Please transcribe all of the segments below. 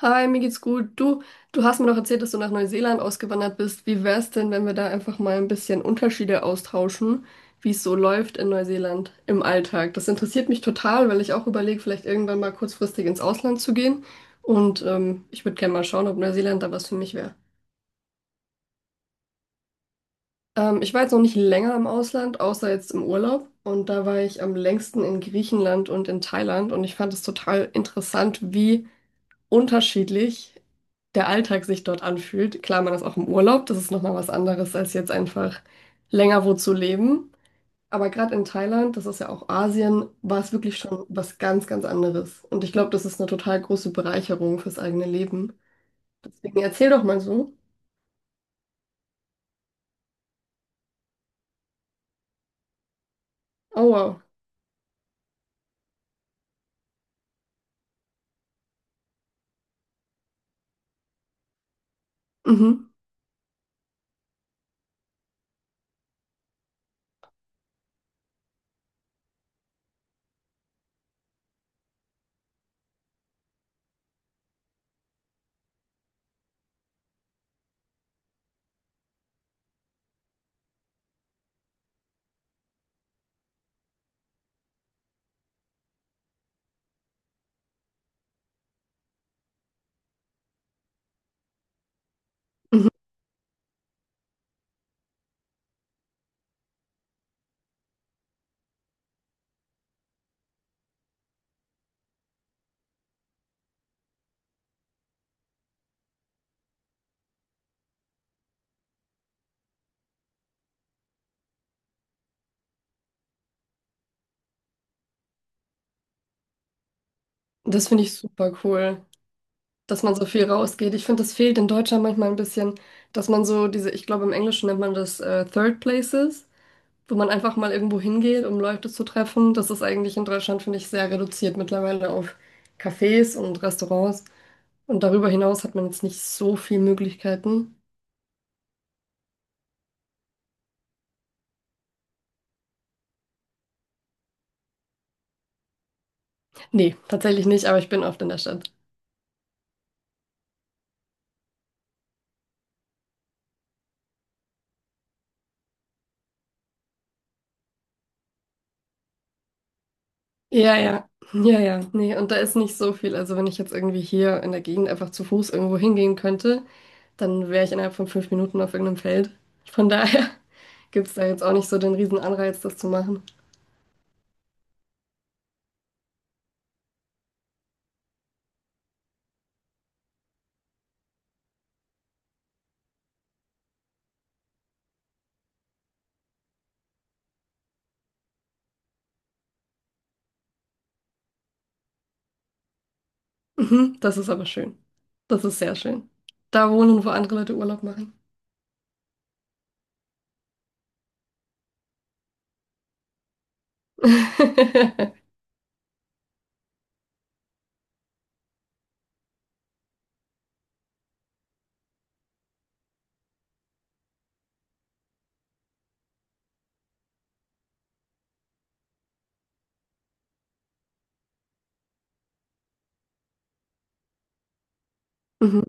Hi, mir geht's gut. Du hast mir doch erzählt, dass du nach Neuseeland ausgewandert bist. Wie wär's denn, wenn wir da einfach mal ein bisschen Unterschiede austauschen, wie es so läuft in Neuseeland im Alltag? Das interessiert mich total, weil ich auch überlege, vielleicht irgendwann mal kurzfristig ins Ausland zu gehen. Ich würde gerne mal schauen, ob Neuseeland da was für mich wäre. Ich war jetzt noch nicht länger im Ausland, außer jetzt im Urlaub. Und da war ich am längsten in Griechenland und in Thailand. Und ich fand es total interessant, wie unterschiedlich der Alltag sich dort anfühlt. Klar, man ist auch im Urlaub, das ist nochmal was anderes, als jetzt einfach länger wo zu leben. Aber gerade in Thailand, das ist ja auch Asien, war es wirklich schon was ganz, ganz anderes. Und ich glaube, das ist eine total große Bereicherung fürs eigene Leben. Deswegen erzähl doch mal so. Oh, wow. Mhm. Mhm. Das finde ich super cool, dass man so viel rausgeht. Ich finde, das fehlt in Deutschland manchmal ein bisschen, dass man so diese, ich glaube, im Englischen nennt man das Third Places, wo man einfach mal irgendwo hingeht, um Leute zu treffen. Das ist eigentlich in Deutschland, finde ich, sehr reduziert mittlerweile auf Cafés und Restaurants. Und darüber hinaus hat man jetzt nicht so viele Möglichkeiten. Nee, tatsächlich nicht, aber ich bin oft in der Stadt. Ja, ja, ja, ja, nee, und da ist nicht so viel. Also wenn ich jetzt irgendwie hier in der Gegend einfach zu Fuß irgendwo hingehen könnte, dann wäre ich innerhalb von 5 Minuten auf irgendeinem Feld. Von daher gibt es da jetzt auch nicht so den riesen Anreiz, das zu machen. Mhm, das ist aber schön. Das ist sehr schön. Da wohnen, wo andere Leute Urlaub machen. Mhm,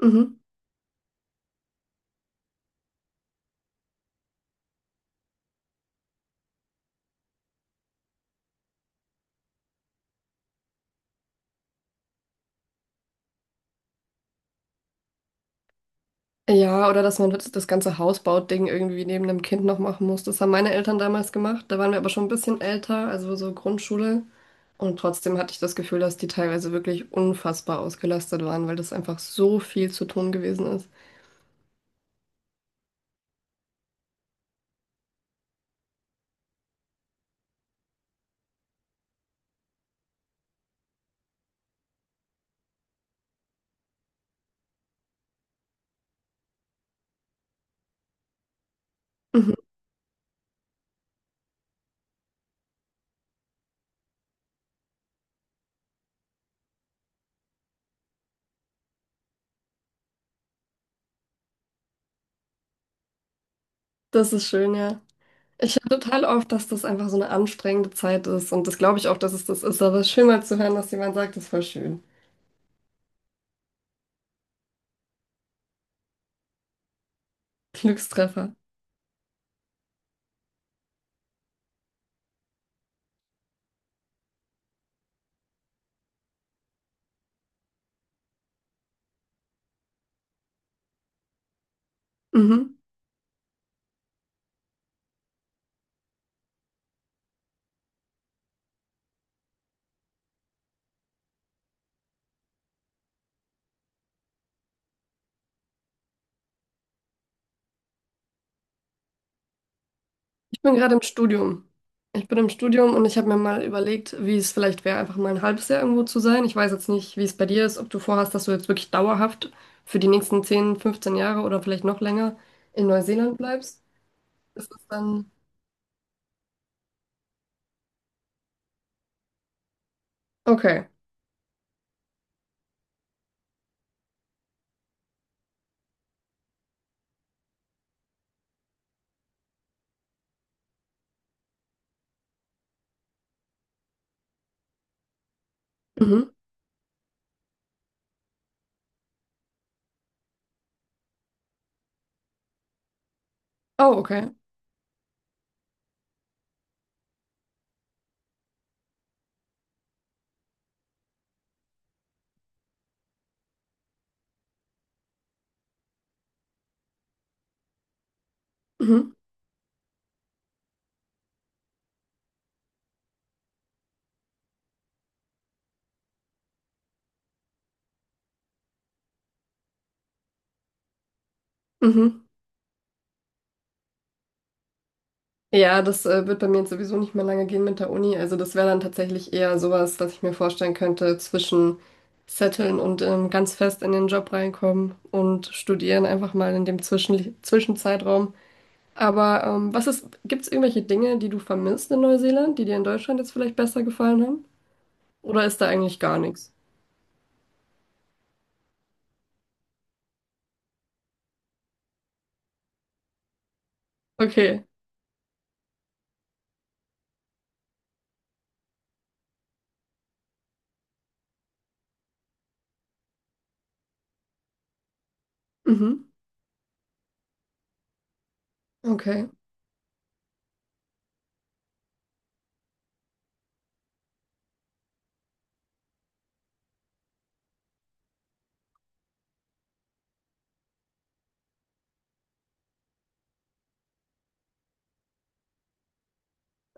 mhm. Ja, oder dass man das das ganze Hausbau-Ding irgendwie neben dem Kind noch machen muss. Das haben meine Eltern damals gemacht. Da waren wir aber schon ein bisschen älter, also so Grundschule. Und trotzdem hatte ich das Gefühl, dass die teilweise wirklich unfassbar ausgelastet waren, weil das einfach so viel zu tun gewesen ist. Mhm. Das ist schön, ja. Ich höre total oft, dass das einfach so eine anstrengende Zeit ist. Und das glaube ich auch, dass es das ist. Aber es ist schön mal zu hören, dass jemand sagt, das ist voll schön. Glückstreffer. Mhm. Ich bin gerade im Studium. Ich bin im Studium und ich habe mir mal überlegt, wie es vielleicht wäre, einfach mal ein halbes Jahr irgendwo zu sein. Ich weiß jetzt nicht, wie es bei dir ist, ob du vorhast, dass du jetzt wirklich dauerhaft für die nächsten 10, 15 Jahre oder vielleicht noch länger in Neuseeland bleibst. Ist das dann. Okay. Mhm. Oh, okay. Mhm. Mhm. Ja, das wird bei mir jetzt sowieso nicht mehr lange gehen mit der Uni. Also das wäre dann tatsächlich eher sowas, was ich mir vorstellen könnte zwischen Zetteln und ganz fest in den Job reinkommen und studieren einfach mal in dem Zwischenzeitraum. Aber was ist, gibt's irgendwelche Dinge, die du vermisst in Neuseeland, die dir in Deutschland jetzt vielleicht besser gefallen haben? Oder ist da eigentlich gar nichts? Okay. Mhm. Okay.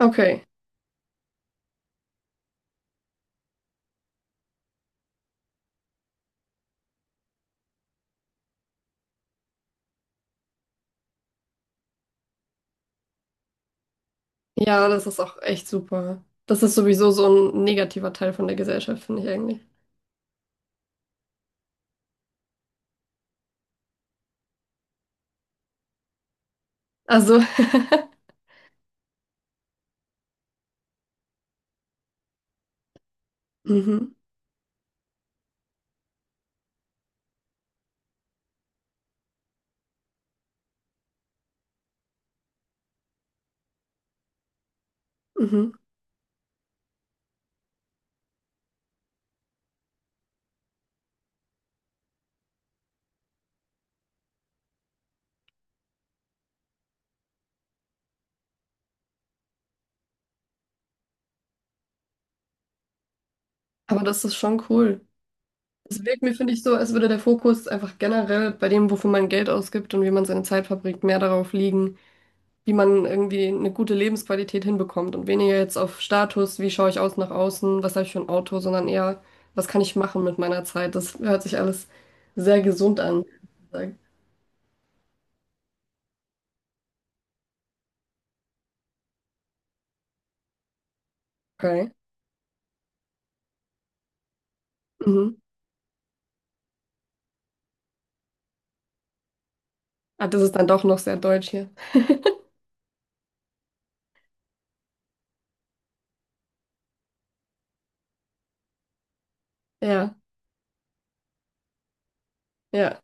Okay. Ja, das ist auch echt super. Das ist sowieso so ein negativer Teil von der Gesellschaft, finde ich eigentlich. Also, mhm, mhm. Aber das ist schon cool. Es wirkt mir, finde ich, so, als würde der Fokus einfach generell bei dem, wofür man Geld ausgibt und wie man seine Zeit verbringt, mehr darauf liegen, wie man irgendwie eine gute Lebensqualität hinbekommt und weniger jetzt auf Status, wie schaue ich aus nach außen, was habe ich für ein Auto, sondern eher, was kann ich machen mit meiner Zeit. Das hört sich alles sehr gesund an. Okay. Mhm. Ah, das ist dann doch noch sehr deutsch hier. Ja, ja.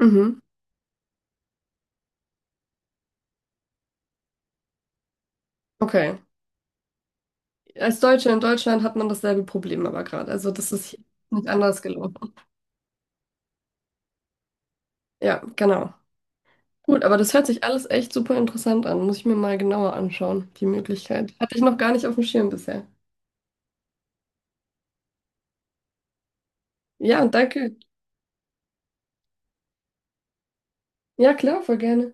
Mhm. Okay. Als Deutsche in Deutschland hat man dasselbe Problem aber gerade. Also das ist hier nicht anders gelaufen. Ja, genau. Gut, aber das hört sich alles echt super interessant an. Muss ich mir mal genauer anschauen, die Möglichkeit. Hatte ich noch gar nicht auf dem Schirm bisher. Ja, danke. Ja, klar, voll gerne.